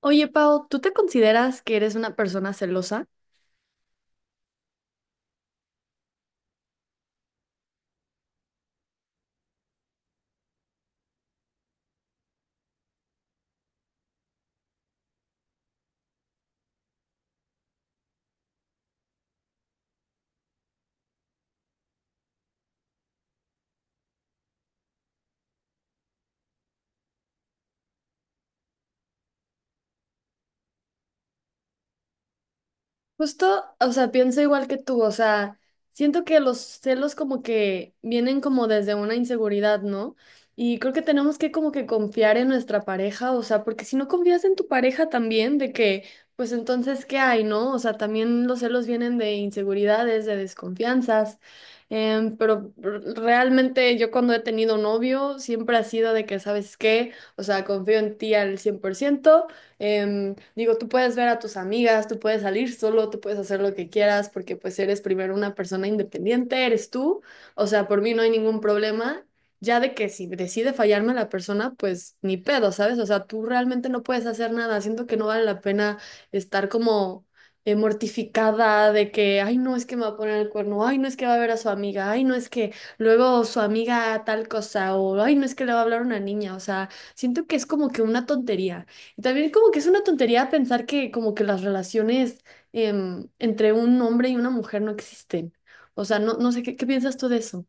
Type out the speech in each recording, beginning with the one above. Oye, Pau, ¿tú te consideras que eres una persona celosa? Justo, o sea, pienso igual que tú. O sea, siento que los celos como que vienen como desde una inseguridad, ¿no? Y creo que tenemos que como que confiar en nuestra pareja. O sea, porque si no confías en tu pareja también, de que, pues entonces, ¿qué hay, no? O sea, también los celos vienen de inseguridades, de desconfianzas. Pero realmente yo cuando he tenido novio siempre ha sido de que, ¿sabes qué? O sea, confío en ti al 100%. Digo, tú puedes ver a tus amigas, tú puedes salir solo, tú puedes hacer lo que quieras porque pues eres primero una persona independiente, eres tú. O sea, por mí no hay ningún problema. Ya de que si decide fallarme la persona, pues ni pedo, ¿sabes? O sea, tú realmente no puedes hacer nada. Siento que no vale la pena estar como mortificada de que, ay, no es que me va a poner el cuerno, ay, no es que va a ver a su amiga, ay, no es que luego su amiga tal cosa, o ay, no es que le va a hablar a una niña. O sea, siento que es como que una tontería. Y también como que es una tontería pensar que como que las relaciones entre un hombre y una mujer no existen. O sea, no, no sé, ¿qué piensas tú de eso?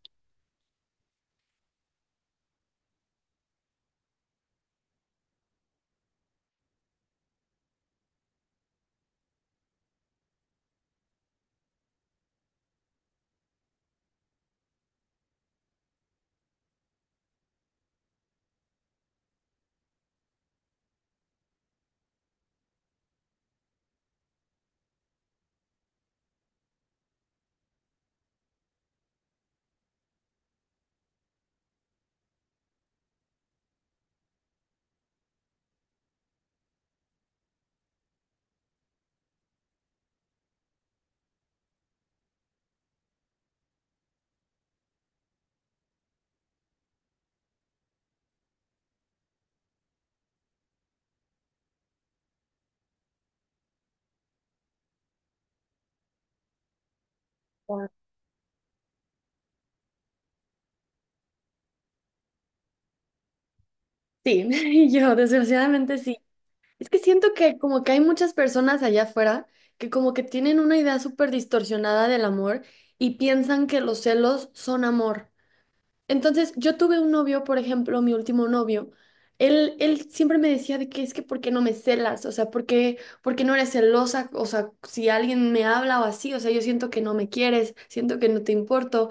Ah, sí, y yo desgraciadamente sí. Es que siento que como que hay muchas personas allá afuera que como que tienen una idea súper distorsionada del amor y piensan que los celos son amor. Entonces, yo tuve un novio, por ejemplo, mi último novio. Él siempre me decía de que es que ¿por qué no me celas? O sea, por qué no eres celosa? O sea, si alguien me habla o así, o sea, yo siento que no me quieres, siento que no te importo.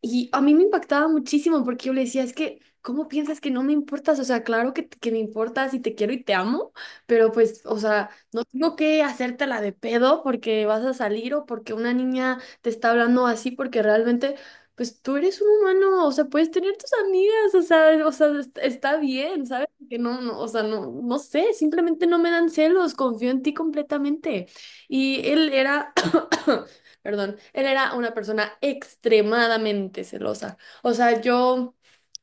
Y a mí me impactaba muchísimo porque yo le decía, es que, ¿cómo piensas que no me importas? O sea, claro que me importas y te quiero y te amo, pero pues, o sea, no tengo que hacértela de pedo porque vas a salir o porque una niña te está hablando así, porque realmente pues tú eres un humano. O sea, puedes tener tus amigas. O sea, está bien, ¿sabes? Que no, no, o sea, no, no sé, simplemente no me dan celos, confío en ti completamente. Y él era, perdón, él era una persona extremadamente celosa. O sea, yo,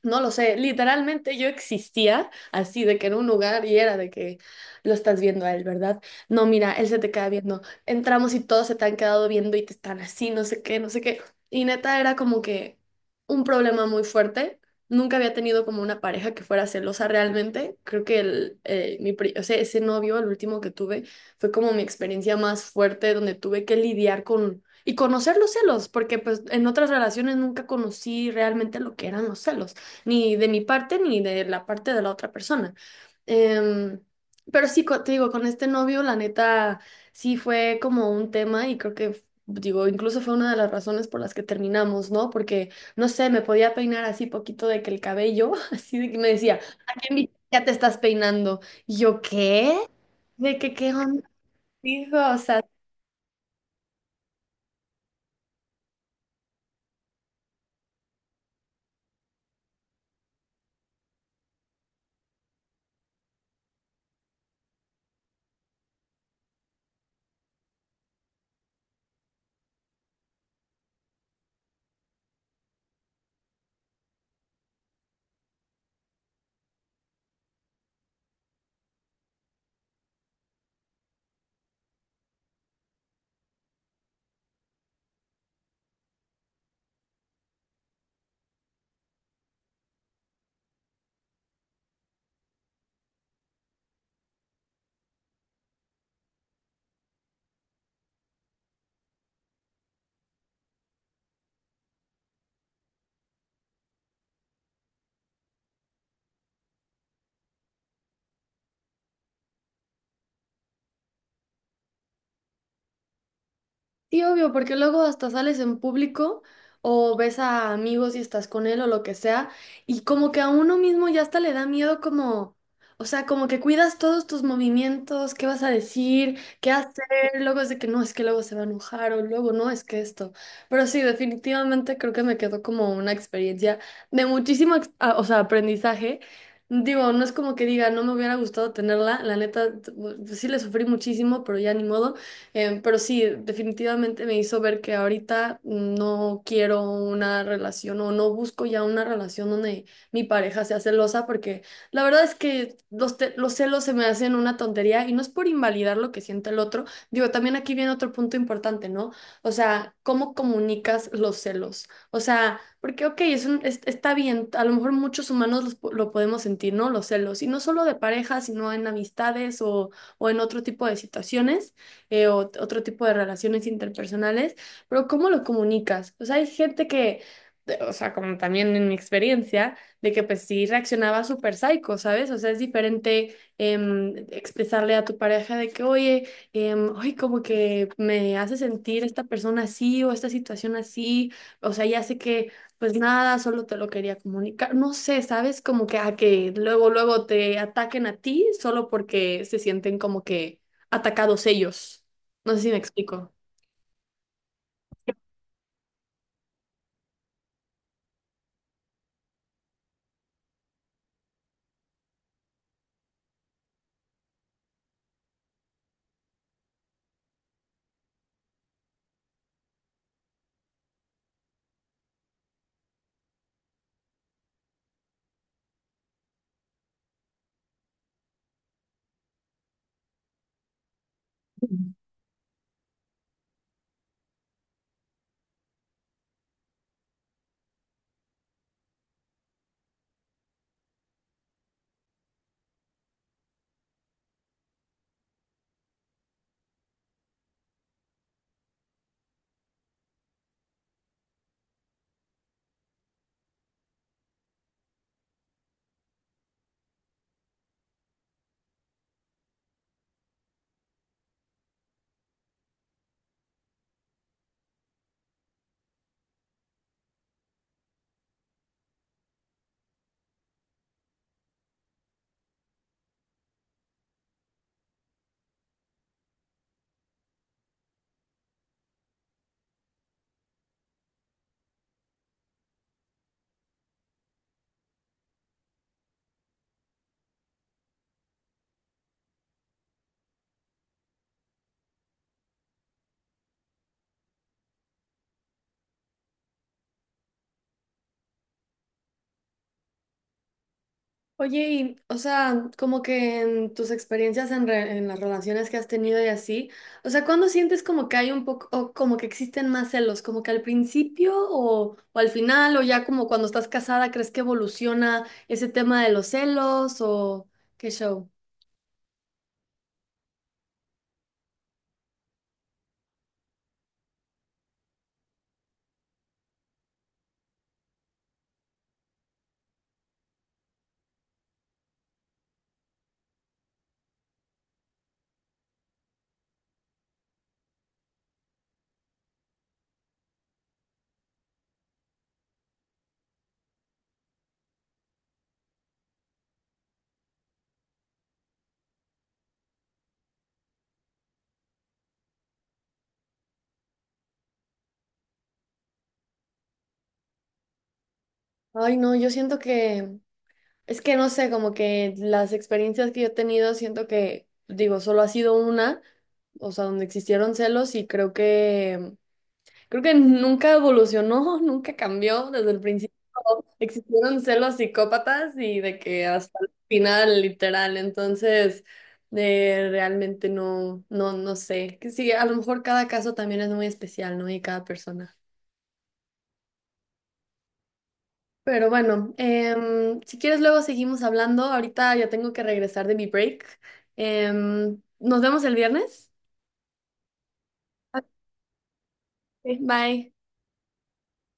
no lo sé, literalmente yo existía así de que en un lugar y era de que lo estás viendo a él, ¿verdad? No, mira, él se te queda viendo. Entramos y todos se te han quedado viendo y te están así, no sé qué, no sé qué. Y neta era como que un problema muy fuerte. Nunca había tenido como una pareja que fuera celosa realmente. Creo que el, mi, o sea, ese novio, el último que tuve, fue como mi experiencia más fuerte donde tuve que lidiar con y conocer los celos, porque pues en otras relaciones nunca conocí realmente lo que eran los celos, ni de mi parte ni de la parte de la otra persona. Em, pero sí, te digo, con este novio, la neta, sí fue como un tema y creo que digo, incluso fue una de las razones por las que terminamos, ¿no? Porque, no sé, me podía peinar así poquito de que el cabello, así de que me decía, ¿a ya te estás peinando? Y yo, ¿qué? ¿De qué onda? Dijo, o sea, sí, obvio, porque luego hasta sales en público o ves a amigos y estás con él o lo que sea, y como que a uno mismo ya hasta le da miedo como, o sea, como que cuidas todos tus movimientos, qué vas a decir, qué hacer, luego es de que no, es que luego se va a enojar o luego no, es que esto. Pero sí, definitivamente creo que me quedó como una experiencia de muchísimo, o sea, aprendizaje. Digo, no es como que diga, no me hubiera gustado tenerla, la neta, pues, sí le sufrí muchísimo, pero ya ni modo. Pero sí, definitivamente me hizo ver que ahorita no quiero una relación o no busco ya una relación donde mi pareja sea celosa, porque la verdad es que los celos se me hacen una tontería y no es por invalidar lo que siente el otro. Digo, también aquí viene otro punto importante, ¿no? O sea, ¿cómo comunicas los celos? O sea, porque, ok, está bien, a lo mejor muchos humanos lo podemos sentir, ¿no? Los celos, y no solo de pareja, sino en amistades o en otro tipo de situaciones o otro tipo de relaciones interpersonales, pero ¿cómo lo comunicas? O sea, hay gente que, o sea, como también en mi experiencia, de que pues sí reaccionaba súper psycho, ¿sabes? O sea, es diferente expresarle a tu pareja de que, oye, ay, como que me hace sentir esta persona así o esta situación así. O sea, ya sé que pues nada, solo te lo quería comunicar, no sé, ¿sabes? Como que a que luego te ataquen a ti solo porque se sienten como que atacados ellos. No sé si me explico. Oye, y, o sea, como que en tus experiencias en, en las relaciones que has tenido y así, o sea, ¿cuándo sientes como que hay un poco, o como que existen más celos? ¿Como que al principio o al final, o ya como cuando estás casada, crees que evoluciona ese tema de los celos o qué show? Ay, no, yo siento que, es que no sé, como que las experiencias que yo he tenido, siento que, digo, solo ha sido una, o sea, donde existieron celos y creo que... Creo que nunca evolucionó, nunca cambió. Desde el principio existieron celos psicópatas y de que hasta el final, literal. Entonces, realmente no, no, no sé. Que sí, a lo mejor cada caso también es muy especial, ¿no? Y cada persona. Pero bueno, si quieres luego seguimos hablando. Ahorita ya tengo que regresar de mi break. Nos vemos el viernes. Ok, bye.